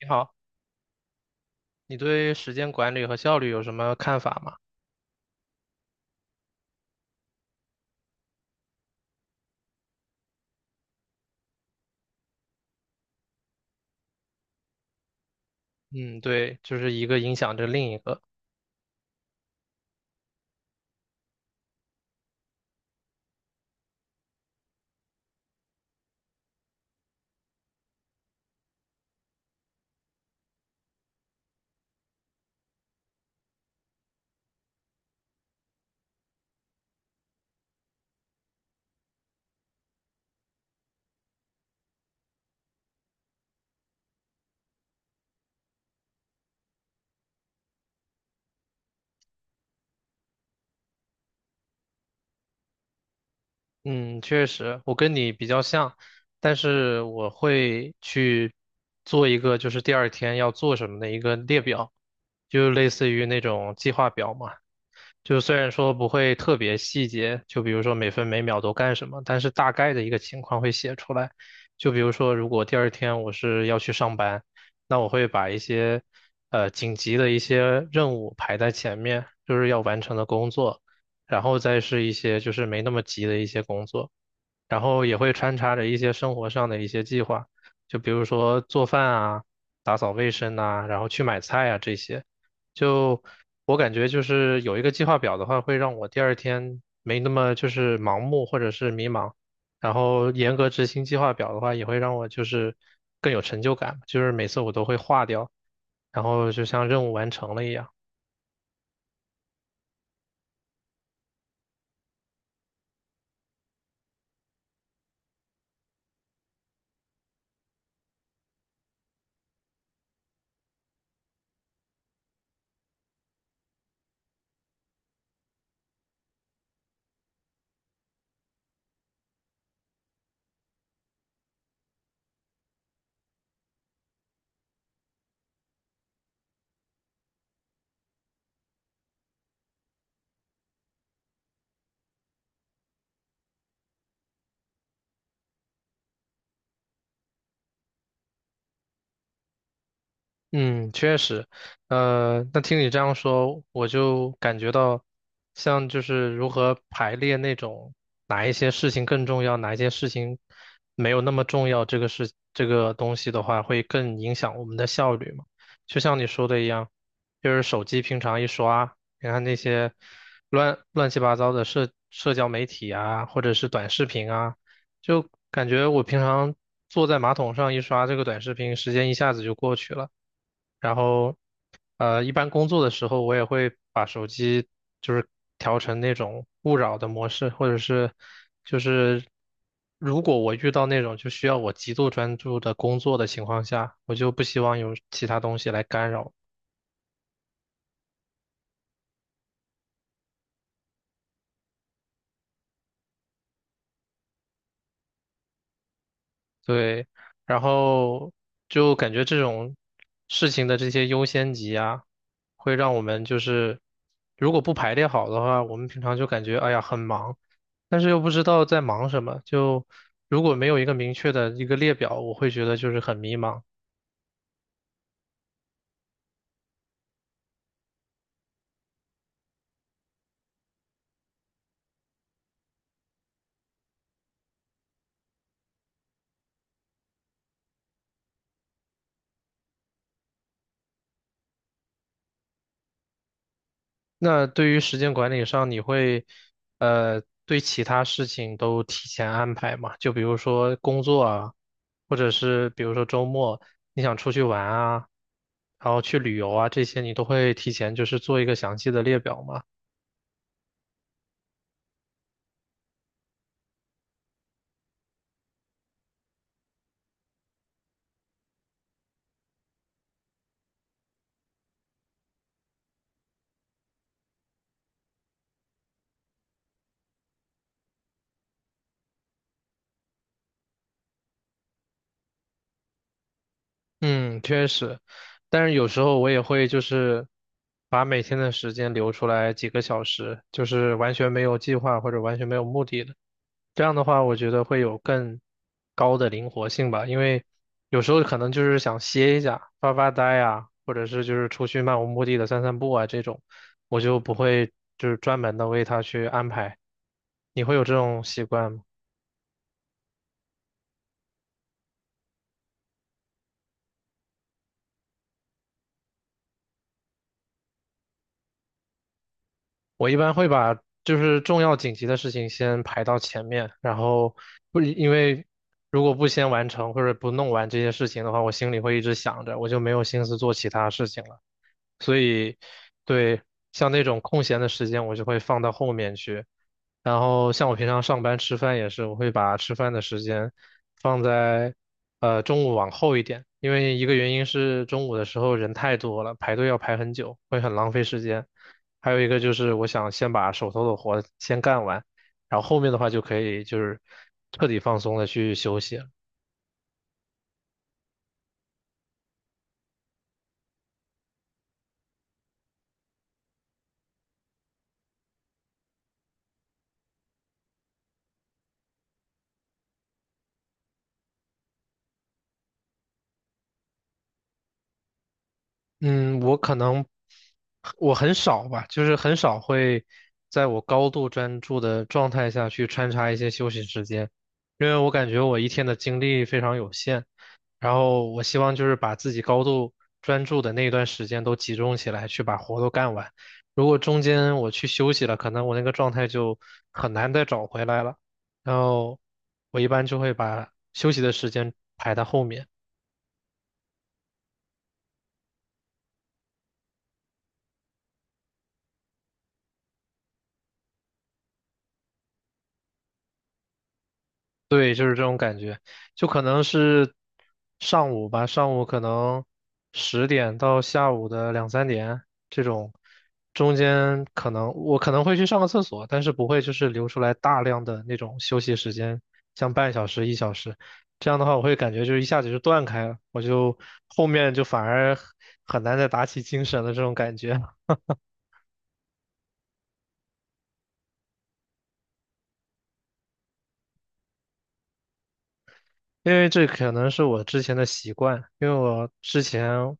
你好，你对时间管理和效率有什么看法吗？嗯，对，就是一个影响着另一个。嗯，确实，我跟你比较像，但是我会去做一个就是第二天要做什么的一个列表，就类似于那种计划表嘛。就虽然说不会特别细节，就比如说每分每秒都干什么，但是大概的一个情况会写出来。就比如说，如果第二天我是要去上班，那我会把一些紧急的一些任务排在前面，就是要完成的工作，然后再是一些就是没那么急的一些工作。然后也会穿插着一些生活上的一些计划，就比如说做饭啊、打扫卫生呐、然后去买菜啊这些。就我感觉就是有一个计划表的话，会让我第二天没那么就是盲目或者是迷茫。然后严格执行计划表的话，也会让我就是更有成就感，就是每次我都会画掉，然后就像任务完成了一样。嗯，确实。那听你这样说，我就感觉到，像就是如何排列那种哪一些事情更重要，哪一些事情没有那么重要，这个事这个东西的话，会更影响我们的效率嘛？就像你说的一样，就是手机平常一刷，你看那些乱乱七八糟的社交媒体啊，或者是短视频啊，就感觉我平常坐在马桶上一刷这个短视频，时间一下子就过去了。然后，一般工作的时候，我也会把手机就是调成那种勿扰的模式，或者是就是如果我遇到那种就需要我极度专注的工作的情况下，我就不希望有其他东西来干扰。对，然后就感觉这种事情的这些优先级啊，会让我们就是如果不排列好的话，我们平常就感觉哎呀很忙，但是又不知道在忙什么，就如果没有一个明确的一个列表，我会觉得就是很迷茫。那对于时间管理上，你会对其他事情都提前安排吗？就比如说工作啊，或者是比如说周末你想出去玩啊，然后去旅游啊，这些你都会提前就是做一个详细的列表吗？嗯，确实，但是有时候我也会就是把每天的时间留出来几个小时，就是完全没有计划或者完全没有目的的。这样的话，我觉得会有更高的灵活性吧，因为有时候可能就是想歇一下、发发呆啊，或者是就是出去漫无目的的散散步啊这种，我就不会就是专门的为他去安排。你会有这种习惯吗？我一般会把就是重要紧急的事情先排到前面，然后不因为如果不先完成或者不弄完这些事情的话，我心里会一直想着，我就没有心思做其他事情了。所以对，像那种空闲的时间，我就会放到后面去。然后像我平常上班吃饭也是，我会把吃饭的时间放在中午往后一点，因为一个原因是中午的时候人太多了，排队要排很久，会很浪费时间。还有一个就是我想先把手头的活先干完，然后后面的话就可以就是彻底放松的去休息。嗯，我可能我很少吧，就是很少会在我高度专注的状态下去穿插一些休息时间，因为我感觉我一天的精力非常有限，然后我希望就是把自己高度专注的那一段时间都集中起来去把活都干完。如果中间我去休息了，可能我那个状态就很难再找回来了。然后我一般就会把休息的时间排到后面。对，就是这种。就可能是上午吧，上午可能十点到下午的两三点这种，中间可能我可能会去上个厕所，但是不会就是留出来大量的那种休息时间，像半小时、一小时，这样的话我会感觉就是一下子就断开了，我就后面就反而很难再打起精神了这种感觉。因为这可能是我之前的习惯，因为我之前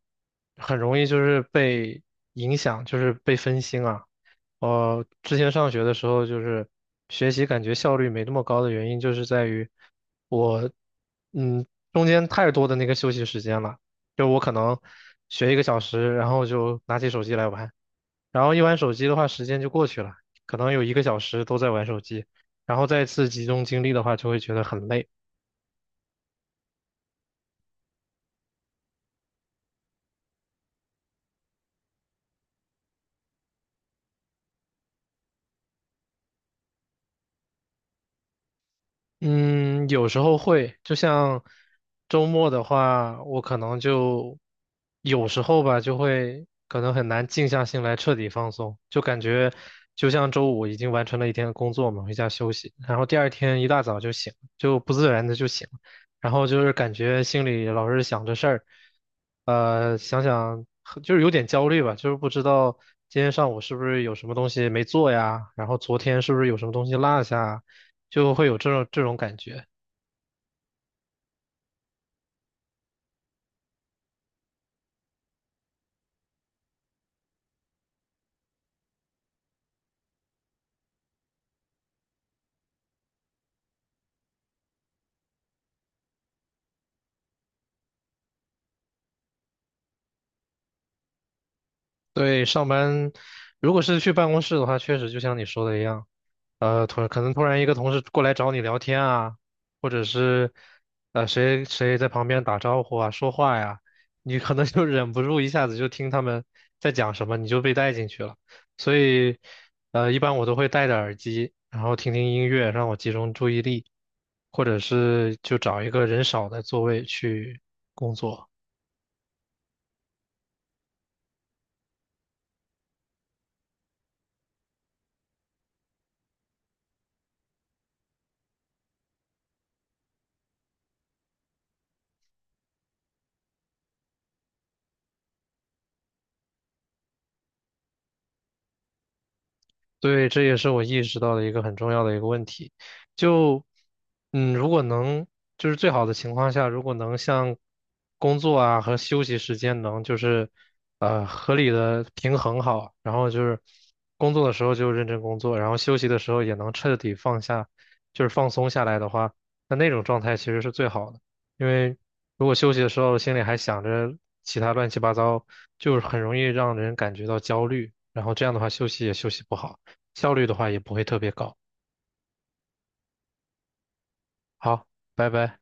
很容易就是被影响，就是被分心啊。我之前上学的时候，就是学习感觉效率没那么高的原因，就是在于我，嗯，中间太多的那个休息时间了，就我可能学一个小时，然后就拿起手机来玩，然后一玩手机的话，时间就过去了，可能有一个小时都在玩手机，然后再次集中精力的话，就会觉得很累。嗯，有时候会，就像周末的话，我可能就有时候吧，就会可能很难静下心来彻底放松，就感觉就像周五已经完成了一天的工作嘛，回家休息，然后第二天一大早就醒，就不自然的就醒，然后就是感觉心里老是想着事儿。想想就是有点焦虑吧，就是不知道今天上午是不是有什么东西没做呀，然后昨天是不是有什么东西落下。就会有这种这种感觉。对，上班如果是去办公室的话，确实就像你说的一样。突然可能突然一个同事过来找你聊天啊，或者是谁谁在旁边打招呼啊、说话呀，你可能就忍不住一下子就听他们在讲什么，你就被带进去了。所以一般我都会戴着耳机，然后听听音乐，让我集中注意力，或者是就找一个人少的座位去工作。对，这也是我意识到的一个很重要的一个问题。就，嗯，如果能，就是最好的情况下，如果能像工作啊和休息时间能就是，合理的平衡好，然后就是工作的时候就认真工作，然后休息的时候也能彻底放下，就是放松下来的话，那那种状态其实是最好的。因为如果休息的时候心里还想着其他乱七八糟，就是很容易让人感觉到焦虑，然后这样的话休息也休息不好。效率的话也不会特别高。好，拜拜。